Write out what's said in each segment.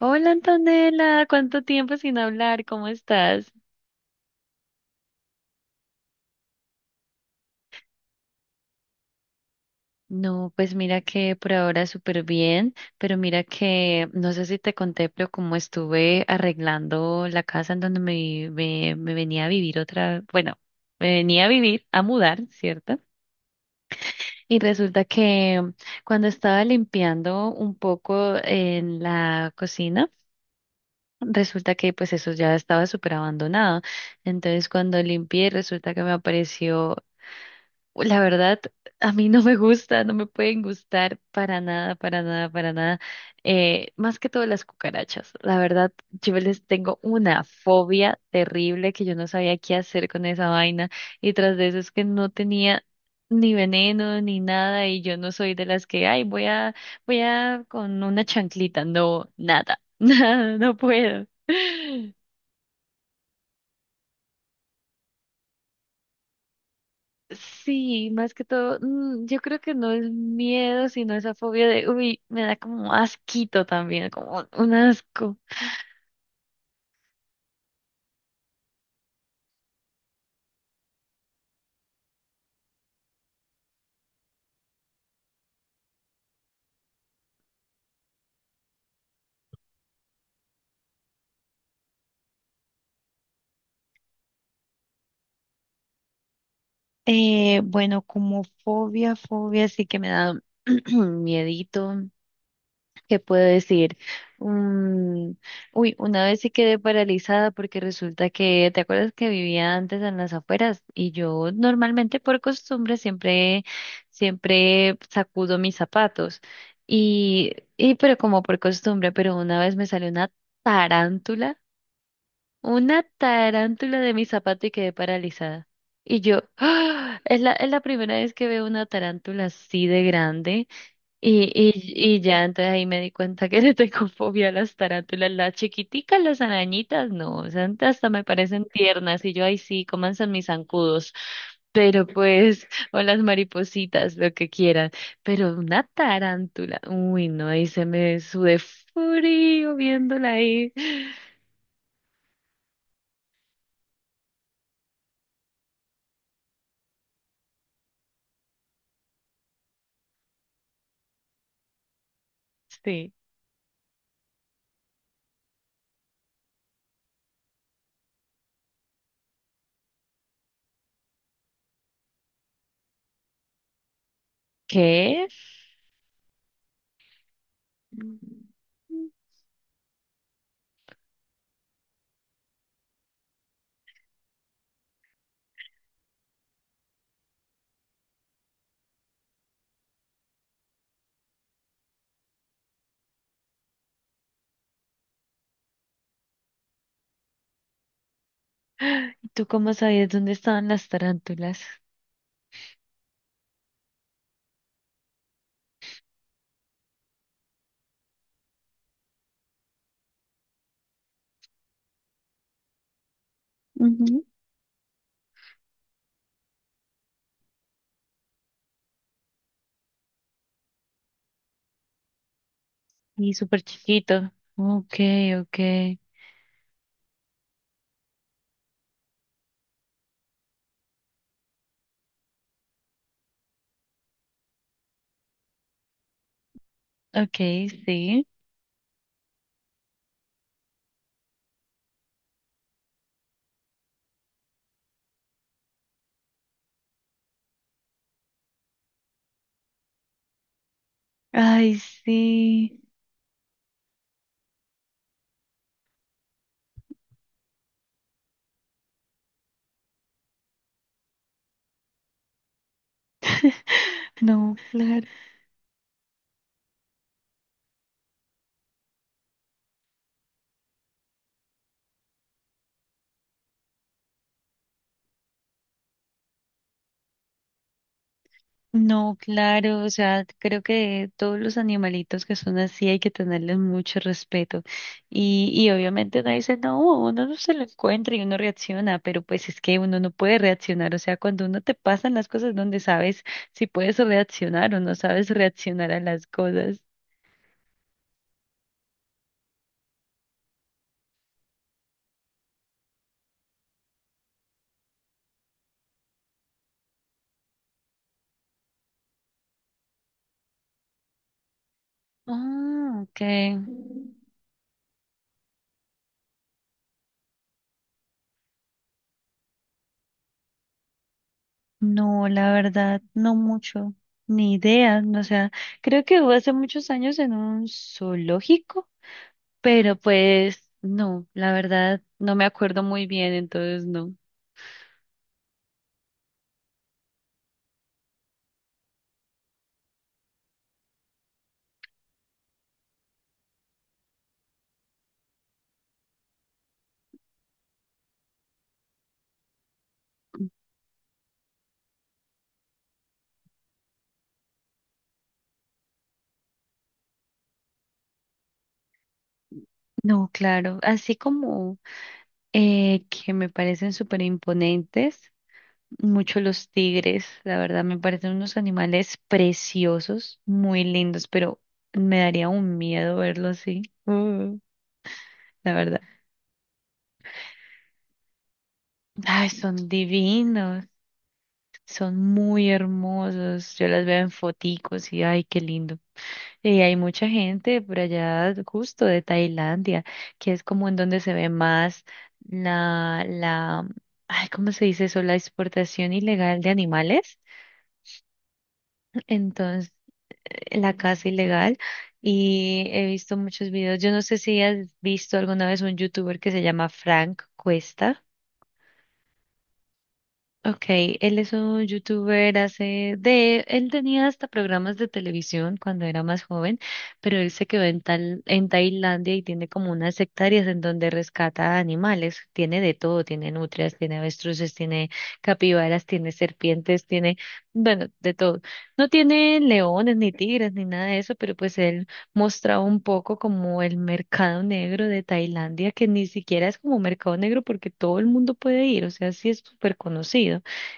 Hola Antonella, ¿cuánto tiempo sin hablar? ¿Cómo estás? No, pues mira que por ahora súper bien, pero mira que no sé si te conté, pero como estuve arreglando la casa en donde me venía a vivir otra, bueno, me venía a vivir, a mudar, ¿cierto? Y resulta que cuando estaba limpiando un poco en la cocina, resulta que pues eso ya estaba súper abandonado. Entonces cuando limpié, resulta que me apareció. La verdad, a mí no me gusta, no me pueden gustar para nada, para nada, para nada. Más que todo las cucarachas. La verdad, yo les tengo una fobia terrible que yo no sabía qué hacer con esa vaina. Y tras de eso es que no tenía ni veneno ni nada y yo no soy de las que, ay, voy a, voy a con una chanclita. No, nada, nada, no puedo. Sí, más que todo, yo creo que no es miedo, sino esa fobia de, uy, me da como asquito también, como un asco. Bueno, como fobia, fobia sí que me da miedito. ¿Qué puedo decir? Mm, uy, una vez sí quedé paralizada porque resulta que, ¿te acuerdas que vivía antes en las afueras? Y yo normalmente por costumbre siempre, siempre sacudo mis zapatos. Y pero como por costumbre, pero una vez me salió tarántula, una tarántula de mi zapato y quedé paralizada. Y yo, ¡ah! Es la primera vez que veo una tarántula así de grande. Y ya, entonces ahí me di cuenta que le tengo fobia a las tarántulas, las chiquiticas, las arañitas, no, o sea, hasta me parecen tiernas y yo ahí sí, comanse mis zancudos, pero pues, o las maripositas, lo que quieran, pero una tarántula, uy, no, ahí se me sudé frío viéndola ahí. Sí, ¿qué? ¿Y tú cómo sabías dónde estaban las tarántulas? Y súper chiquito. Ok, ok. Ok, sí. Ay, sí. No, claro. No, claro. O sea, creo que todos los animalitos que son así hay que tenerles mucho respeto. Y obviamente uno dice, no, uno no se lo encuentra y uno reacciona, pero pues es que uno no puede reaccionar. O sea, cuando uno te pasan las cosas donde sabes si puedes reaccionar o no sabes reaccionar a las cosas. Ah, ok. No, la verdad, no mucho, ni idea. No, o sea, creo que hubo hace muchos años en un zoológico, pero pues no, la verdad, no me acuerdo muy bien, entonces no. No, claro, así como que me parecen súper imponentes, mucho los tigres, la verdad, me parecen unos animales preciosos, muy lindos, pero me daría un miedo verlos así, la verdad. Ay, son divinos. Son muy hermosos. Yo las veo en foticos y ay, qué lindo. Y hay mucha gente por allá, justo de Tailandia, que es como en donde se ve más la, ay, ¿cómo se dice eso? La exportación ilegal de animales. Entonces, la caza ilegal. Y he visto muchos videos. Yo no sé si has visto alguna vez un youtuber que se llama Frank Cuesta. Ok, él es un youtuber hace de, él tenía hasta programas de televisión cuando era más joven, pero él se quedó en tal, en Tailandia y tiene como unas hectáreas en donde rescata animales, tiene de todo, tiene nutrias, tiene avestruces, tiene capibaras, tiene serpientes, tiene, bueno, de todo. No tiene leones, ni tigres, ni nada de eso, pero pues él mostraba un poco como el mercado negro de Tailandia, que ni siquiera es como mercado negro porque todo el mundo puede ir, o sea, sí es súper conocido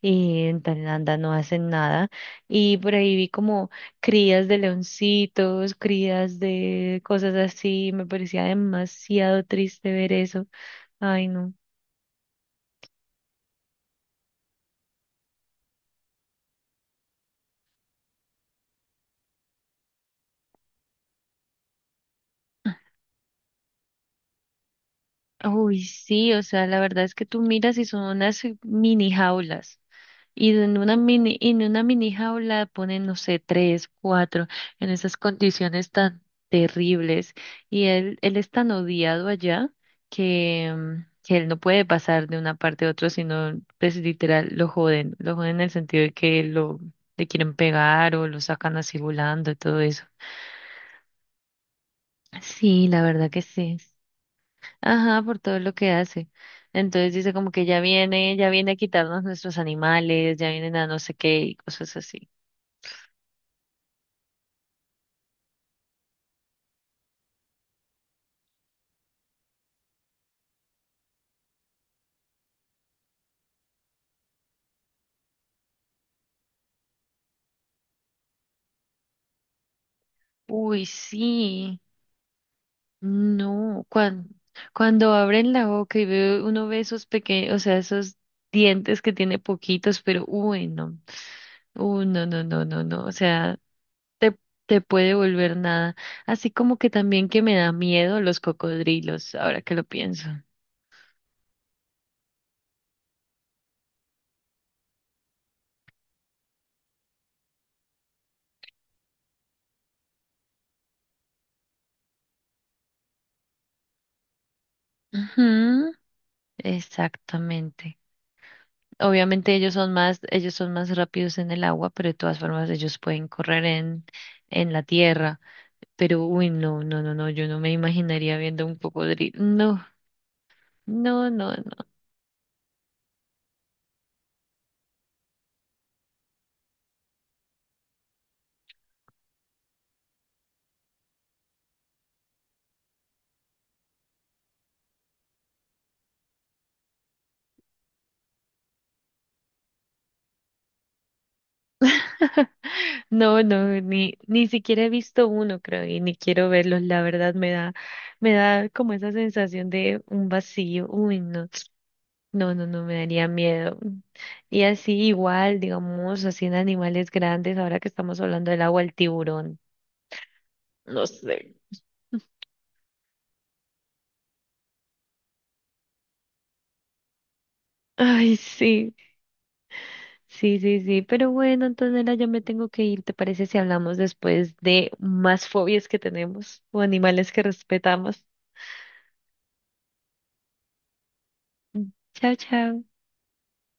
y en Tailandia no hacen nada. Y por ahí vi como crías de leoncitos, crías de cosas así, me parecía demasiado triste ver eso. Ay, no. Uy, sí, o sea, la verdad es que tú miras y son unas mini jaulas. Y en una mini jaula ponen, no sé, tres, cuatro, en esas condiciones tan terribles. Y él es tan odiado allá que, que él no puede pasar de una parte a otra, sino, pues literal, lo joden. Lo joden en el sentido de que lo, le quieren pegar o lo sacan así volando y todo eso. Sí, la verdad que sí. Ajá, por todo lo que hace. Entonces dice como que ya viene a quitarnos nuestros animales, ya vienen a no sé qué y cosas así. Uy, sí, no, cuando, cuando abren la boca y ve, uno ve esos pequeños, o sea, esos dientes que tiene poquitos, pero uy, no, no, no, no, no, o sea, te, te puede volver nada. Así como que también que me da miedo los cocodrilos, ahora que lo pienso. Ujú, exactamente. Obviamente ellos son más rápidos en el agua, pero de todas formas ellos pueden correr en la tierra. Pero, uy, no, no, no, no, yo no me imaginaría viendo un cocodrilo. No, no, no, no. No, no, ni siquiera he visto uno, creo, y ni quiero verlos. La verdad me da como esa sensación de un vacío. Uy, no, no, no, no, me daría miedo. Y así igual, digamos, así en animales grandes, ahora que estamos hablando del agua, el tiburón. No sé. Ay, sí, sí, sí, sí. Pero bueno, Antonella, ya me tengo que ir. ¿Te parece si hablamos después de más fobias que tenemos o animales que respetamos? Mm, chao, chao.